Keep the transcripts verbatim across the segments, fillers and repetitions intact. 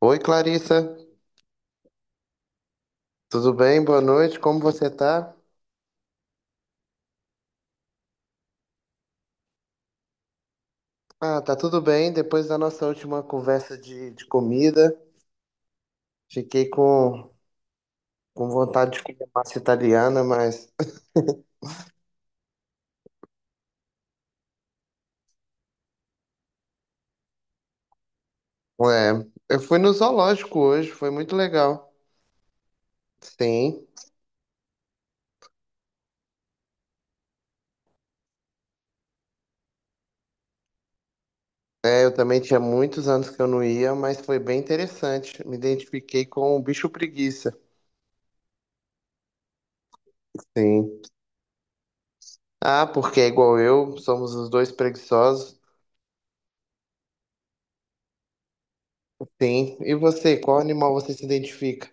Oi, Clarissa, tudo bem? Boa noite, como você tá? Ah, tá tudo bem. Depois da nossa última conversa de, de comida, fiquei com, com vontade de comer massa italiana, mas é, eu fui no zoológico hoje, foi muito legal. Sim, é, eu também tinha muitos anos que eu não ia, mas foi bem interessante. Me identifiquei com o bicho preguiça. Sim. Ah, porque é igual eu, somos os dois preguiçosos. Sim. E você, qual animal você se identifica?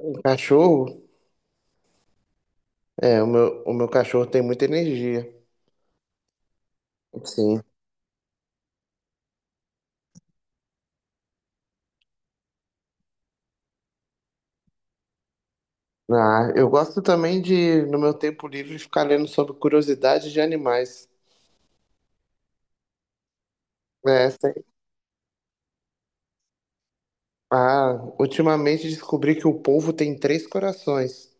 Um cachorro? É, o meu, o meu cachorro tem muita energia. Sim. Ah, eu gosto também de, no meu tempo livre, ficar lendo sobre curiosidades de animais. É, sei. Ah, ultimamente descobri que o polvo tem três corações.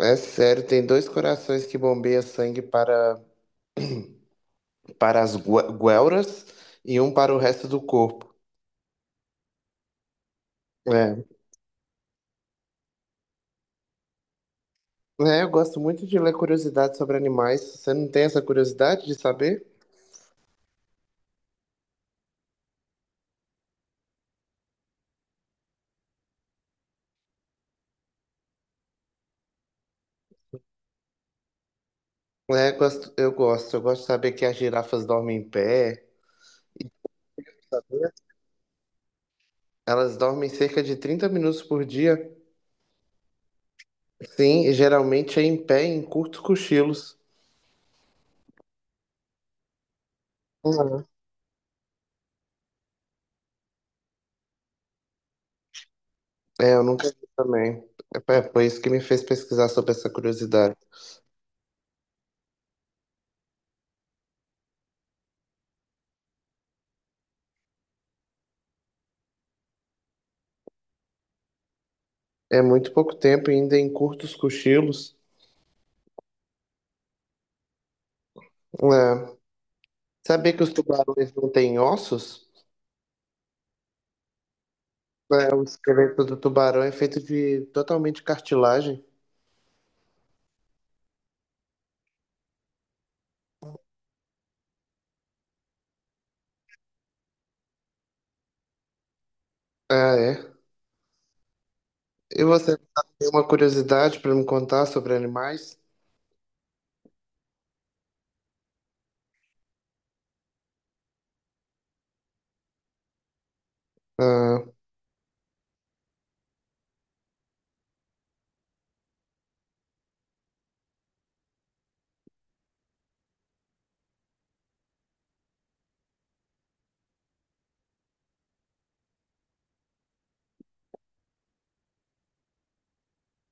É sério, tem dois corações que bombeiam sangue para, para as gué- guelras e um para o resto do corpo. É. É, eu gosto muito de ler curiosidades sobre animais. Você não tem essa curiosidade de saber? É, gosto, eu gosto. Eu gosto de saber que as girafas dormem em pé. Elas dormem cerca de trinta minutos por dia, sim, e geralmente é em pé, em curtos cochilos. Uhum. É, eu nunca vi também. É, é, foi isso que me fez pesquisar sobre essa curiosidade. É muito pouco tempo e ainda em curtos cochilos. É. Sabia que os tubarões não têm ossos? É, o esqueleto do tubarão é feito de totalmente cartilagem. Ah, é. E você tem uma curiosidade para me contar sobre animais? Ah,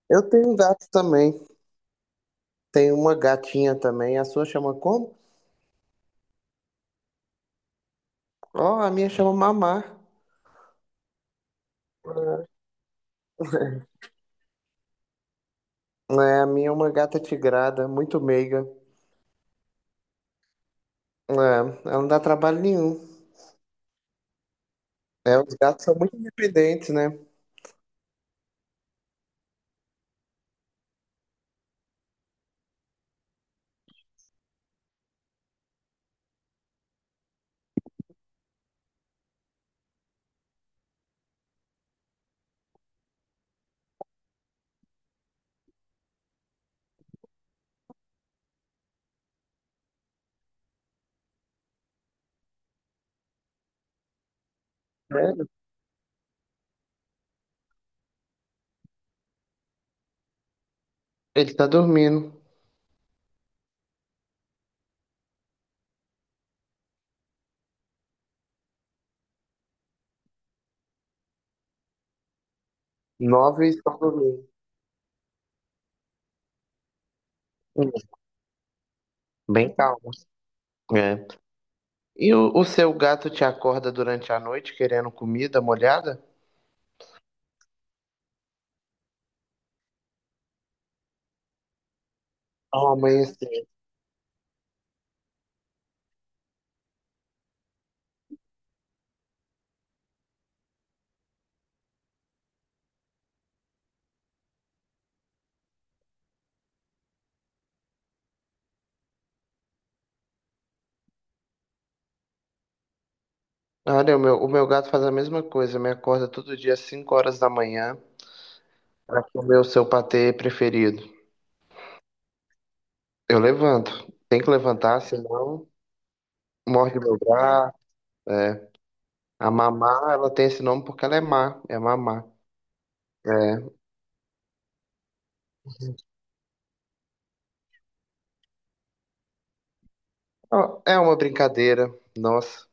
eu tenho gatos também. Tem uma gatinha também. A sua chama como? Ó, a minha chama Mamá. É, a minha é uma gata tigrada, muito meiga. É, ela não dá trabalho nenhum. É, os gatos são muito independentes, né? É, ele tá dormindo. Nove estão dormindo. Hum, Bem calmo. É. E o, o seu gato te acorda durante a noite querendo comida molhada? Ao amanhecer. Olha, o meu, o meu gato faz a mesma coisa, me acorda todo dia às cinco horas da manhã para comer o seu patê preferido. Eu levanto. Tem que levantar, senão morde meu braço. É. A mamá, ela tem esse nome porque ela é má. É mamá. É. Ó, é uma brincadeira. Nossa.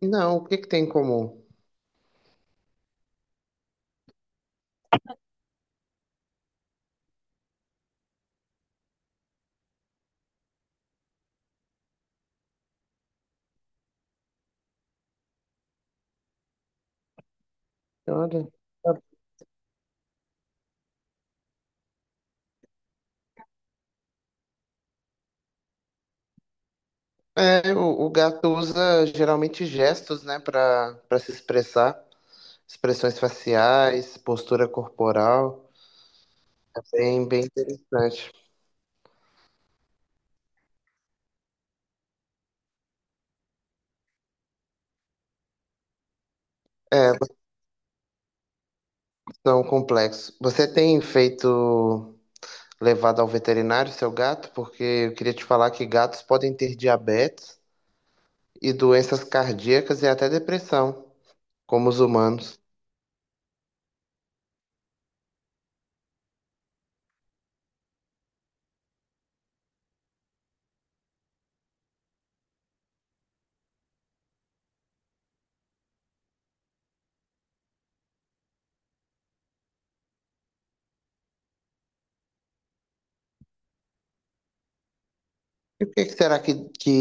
Não, o que que tem em comum? Olha. É, o, o gato usa geralmente gestos, né, para para se expressar. Expressões faciais, postura corporal. É bem, bem interessante. É, são complexos. Você tem feito levado ao veterinário, seu gato, porque eu queria te falar que gatos podem ter diabetes e doenças cardíacas e até depressão, como os humanos. E o que que será que, que,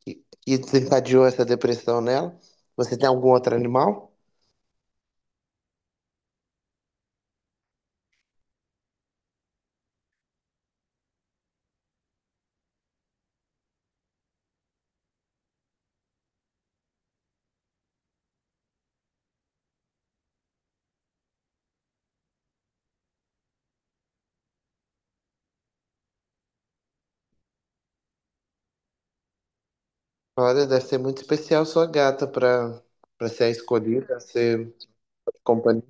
que que desencadeou essa depressão nela? Você tem algum outro animal? Olha, deve ser muito especial sua gata para para ser a escolhida, a ser companhia.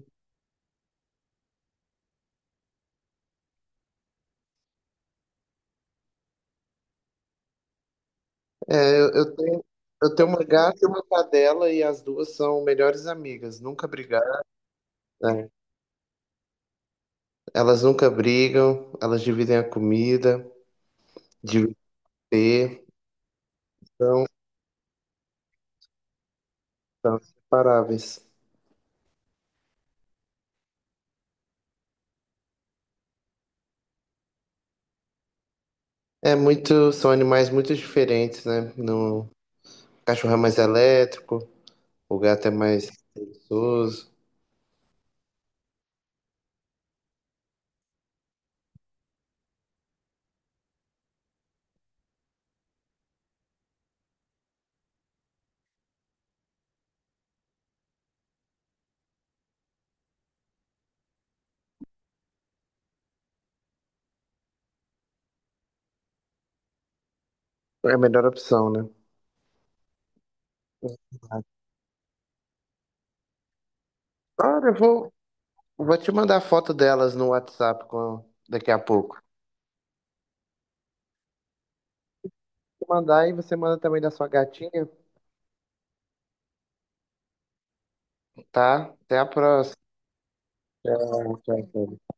É, eu, eu tenho, eu tenho uma gata e uma cadela e as duas são melhores amigas, nunca brigaram. Né? Elas nunca brigam, elas dividem a comida. De ter são, são inseparáveis. É muito, são animais muito diferentes, né? No, o cachorro é mais elétrico, o gato é mais preguiçoso. É a melhor opção, né? Agora eu vou, vou te mandar a foto delas no WhatsApp com- daqui a pouco. Vou mandar e você manda também da sua gatinha, tá? Até a próxima. Tchau, tchau, tchau.